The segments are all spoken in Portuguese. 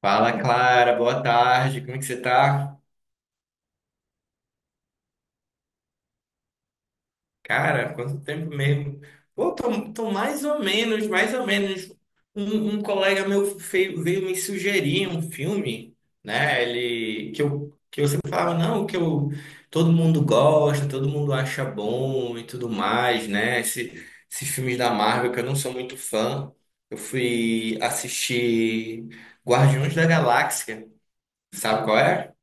Fala, Clara, boa tarde, como é que você tá? Cara, quanto tempo mesmo? Pô, tô mais ou menos, mais ou menos. Um colega meu veio me sugerir um filme, né? Ele, que eu falava, não, que eu, todo mundo gosta, todo mundo acha bom e tudo mais, né? Esses filmes da Marvel que eu não sou muito fã. Eu fui assistir Guardiões da Galáxia, sabe qual é?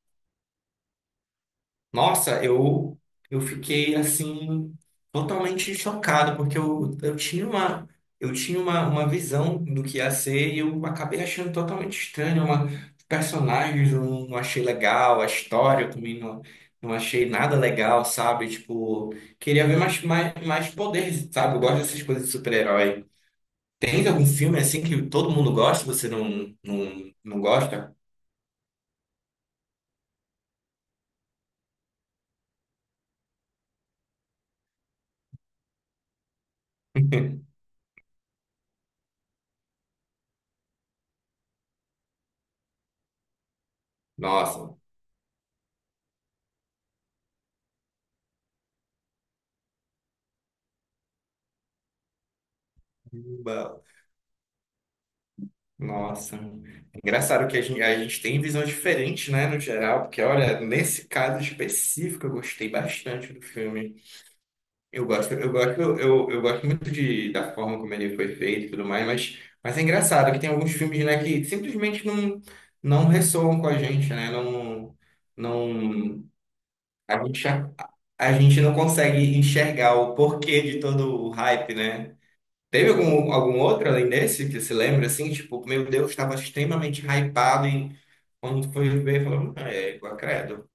Nossa, eu, fiquei assim totalmente chocado, porque eu, uma visão do que ia ser e eu acabei achando totalmente estranho. Os personagens eu não achei legal, a história eu também não achei nada legal, sabe? Tipo, queria ver mais, mais, mais poder, sabe? Eu gosto dessas coisas de super-herói. Tem algum filme assim que todo mundo gosta, e você não, não gosta? Nossa. Nossa, engraçado que a gente, tem visões diferentes, né, no geral, porque olha, nesse caso específico eu gostei bastante do filme. Eu gosto muito da forma como ele foi feito e tudo mais, mas, é engraçado que tem alguns filmes, né, que simplesmente não ressoam com a gente, né? Não, não, a gente, a, a gente não consegue enxergar o porquê de todo o hype, né? Teve algum outro além desse que se lembra assim? Tipo, meu Deus, estava extremamente hypado e quando foi ver, falou, é igual credo."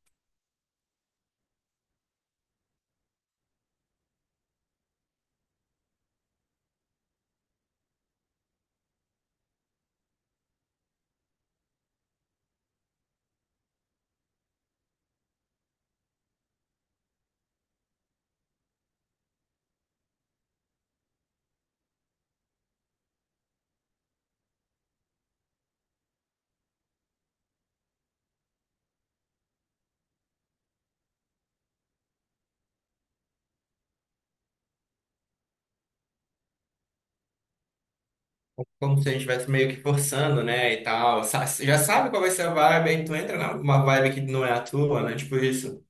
Como se a gente estivesse meio que forçando, né? E tal. Já sabe qual vai ser a vibe, aí tu entra numa vibe que não é a tua, né? Tipo isso.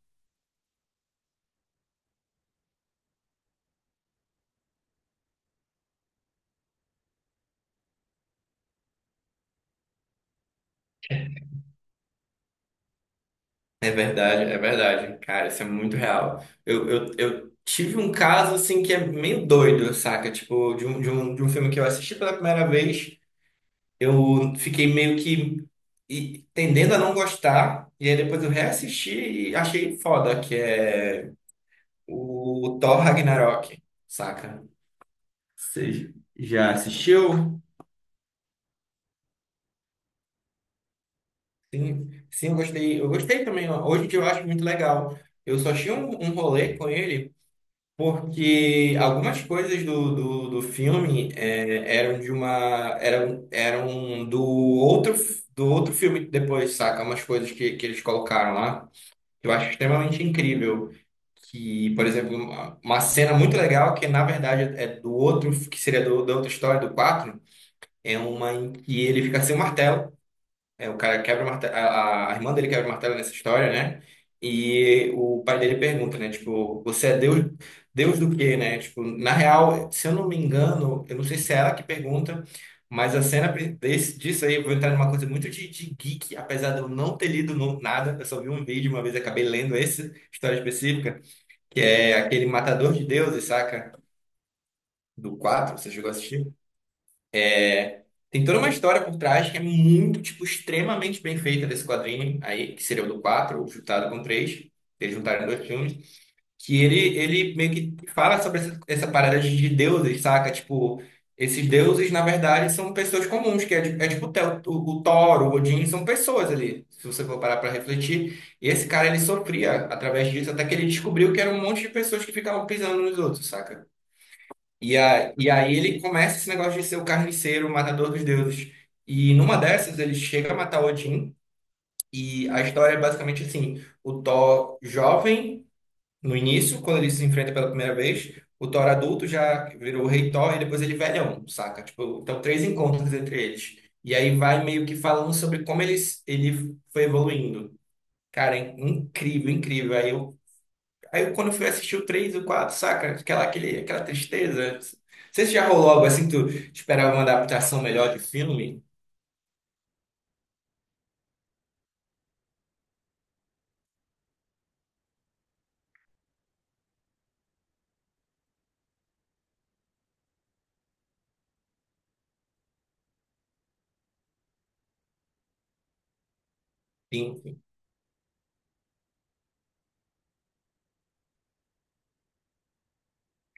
É verdade, é verdade. Cara, isso é muito real. Eu tive um caso assim que é meio doido, saca? Tipo, de um filme que eu assisti pela primeira vez. Eu fiquei meio que tendendo a não gostar, e aí depois eu reassisti e achei foda, que é o Thor Ragnarok, saca? Você já assistiu? Sim, sim, eu gostei. Eu gostei também. Hoje em dia eu acho muito legal. Eu só tinha um, rolê com ele porque algumas coisas do filme eram eram do outro filme depois, saca? Umas coisas que, eles colocaram lá. Eu acho extremamente incrível que, por exemplo, uma cena muito legal que na verdade é do outro, que seria da outra história, do 4 é uma em que ele fica sem o martelo. É, o cara quebra o martelo, a irmã dele quebra o martelo nessa história, né? E o pai dele pergunta, né? Tipo, você é Deus, Deus do quê, né? Tipo, na real, se eu não me engano, eu não sei se é ela que pergunta, mas a cena disso aí, eu vou entrar numa coisa muito de, geek, apesar de eu não ter lido nada, eu só vi um vídeo uma vez, acabei lendo essa história específica, que é aquele Matador de Deuses, saca? Do 4, você chegou a assistir? Tem toda uma história por trás que é muito, tipo, extremamente bem feita desse quadrinho aí, que seria o do 4 ou juntado com 3, eles juntaram dois filmes, que ele, meio que fala sobre essa parada de deuses, saca? Tipo, esses deuses, na verdade, são pessoas comuns, que é tipo o Thor, o Odin, são pessoas ali, se você for parar pra refletir. E esse cara, ele sofria através disso, até que ele descobriu que era um monte de pessoas que ficavam pisando nos outros, saca? E aí ele começa esse negócio de ser o carniceiro, o matador dos deuses. E numa dessas ele chega a matar Odin. E a história é basicamente assim: o Thor jovem, no início, quando ele se enfrenta pela primeira vez, o Thor adulto já virou o rei Thor e depois ele velhão, saca? Tipo, então três encontros entre eles. E aí vai meio que falando sobre como eles, ele foi evoluindo. Cara, é incrível, incrível. Aí eu, quando eu fui assistir o 3 e o 4, saca? Aquela tristeza. Não sei se já rolou algo assim, tu esperava uma adaptação melhor de filme? Sim.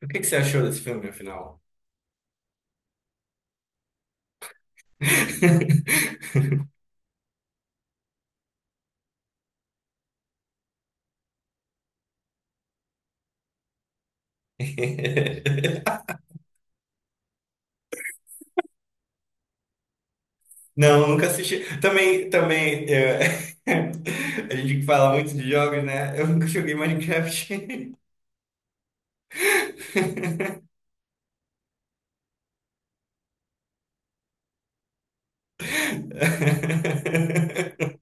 O que que você achou desse filme, afinal? Não, nunca assisti. Também, é, a gente fala muito de jogos, né? Eu nunca joguei Minecraft.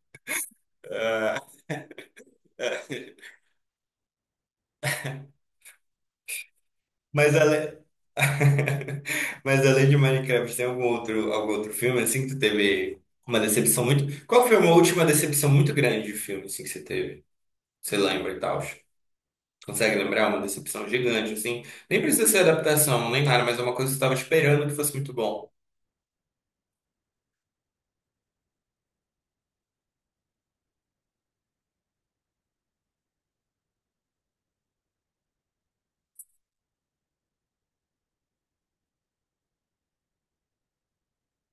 Mas além... Mas além de Minecraft, tem algum outro filme assim que tu teve uma decepção muito. Qual foi uma última decepção muito grande de filme assim que você teve? Você lembra e tal? Consegue lembrar uma decepção gigante assim? Nem precisa ser adaptação, nem nada, mas é uma coisa que você estava esperando que fosse muito bom.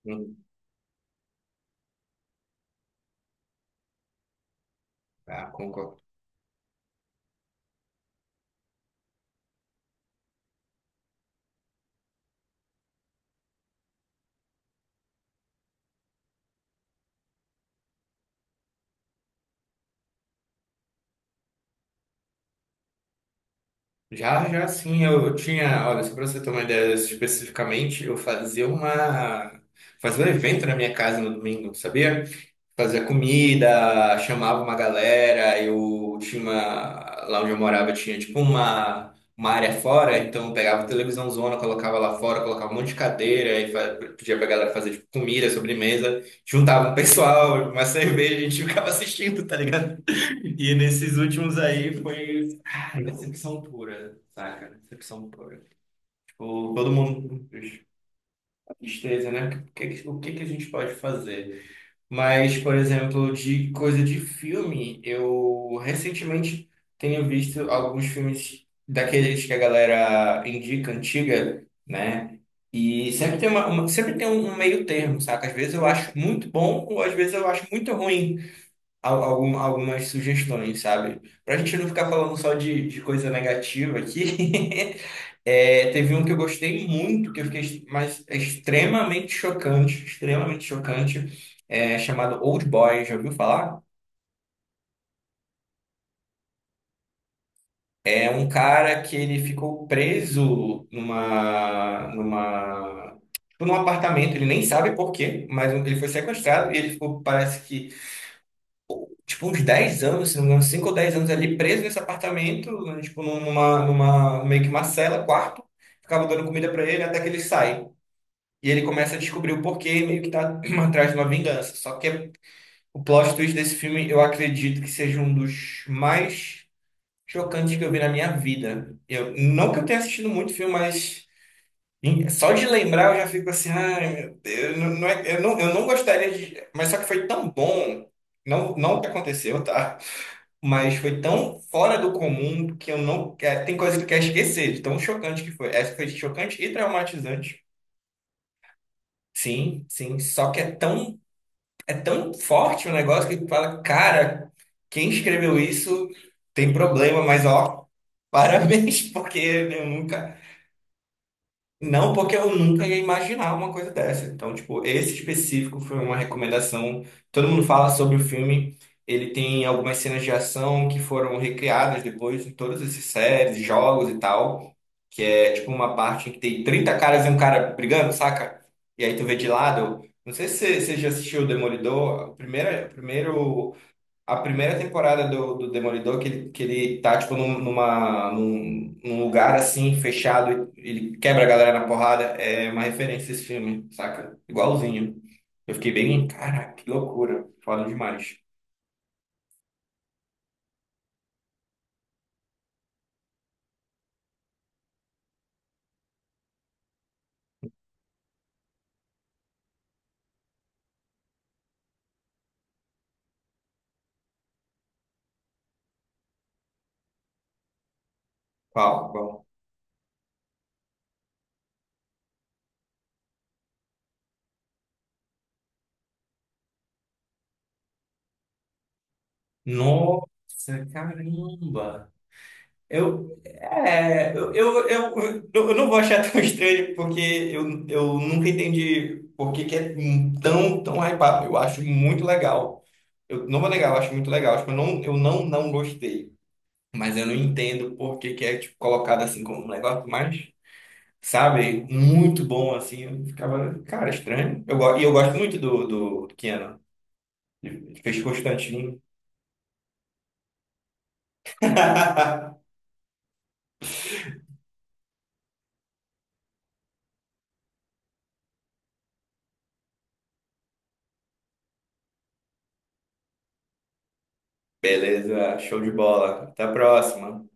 Hum, ah, concordo. Já, sim, eu tinha, olha, só para você ter uma ideia especificamente, eu fazia um evento na minha casa no domingo, sabia? Fazia comida, chamava uma galera, lá onde eu morava tinha tipo uma área fora, então eu pegava a televisão zona, colocava lá fora, colocava um monte de cadeira e pedia pra galera fazer tipo comida, sobremesa, juntava um pessoal, uma cerveja, a gente ficava assistindo, tá ligado? E nesses últimos aí foi ah, decepção pura, saca? Decepção pura. Tipo, todo mundo, a tristeza, né? O que que a gente pode fazer? Mas, por exemplo, de coisa de filme, eu recentemente tenho visto alguns filmes daqueles que a galera indica, antiga, né? E sempre tem uma- sempre tem um meio termo, saca? Às vezes eu acho muito bom, ou às vezes eu acho muito ruim algumas sugestões, sabe? Pra gente não ficar falando só de coisa negativa aqui, é, teve um que eu gostei muito, que eu fiquei mas é extremamente chocante, é, chamado Old Boy, já ouviu falar? É um cara que ele ficou preso tipo, num apartamento, ele nem sabe por quê, mas ele foi sequestrado e ele ficou, parece que tipo, uns 10 anos, se não me engano, 5 ou 10 anos ali preso nesse apartamento, né, tipo, numa, meio que uma cela, quarto, ficava dando comida pra ele até que ele sai. E ele começa a descobrir o porquê e meio que tá atrás de uma vingança. Só que o plot twist desse filme, eu acredito que seja um dos mais chocantes que eu vi na minha vida. Eu, não que eu tenha assistido muito filme, mas só de lembrar eu já fico assim, ai meu Deus, não, eu não gostaria de. Mas só que foi tão bom, não, não o que aconteceu, tá? Mas foi tão fora do comum que eu não quero. Tem coisa que eu quero esquecer, de tão chocante que foi. Essa foi chocante e traumatizante. Sim, sim. Só que é tão forte o negócio que tu fala, cara, quem escreveu isso tem problema, mas ó, parabéns, porque eu nunca. Não, porque eu nunca ia imaginar uma coisa dessa. Então, tipo, esse específico foi uma recomendação. Todo mundo fala sobre o filme. Ele tem algumas cenas de ação que foram recriadas depois em todas essas séries, jogos e tal. Que é, tipo, uma parte em que tem 30 caras e um cara brigando, saca? E aí tu vê de lado. Não sei se você já assistiu o Demolidor. O primeiro a primeira temporada do Demolidor, que ele tá, tipo, num lugar, assim, fechado, e ele quebra a galera na porrada, é uma referência a esse filme, saca? Igualzinho. Eu fiquei bem, caraca, que loucura. Foda demais. Qual? Qual? Nossa, caramba! Eu, é, eu não vou achar tão estranho, porque eu nunca entendi por que que é tão hypado. Eu acho muito legal. Eu não vou negar, eu acho muito legal. Tipo, eu não gostei. Mas eu não entendo por que que é, tipo, colocado assim como um negócio mais, sabe, muito bom, assim. Eu ficava, cara, estranho. E eu gosto muito do, do Keanu. Ele fez Constantine. Beleza, show de bola. Até a próxima.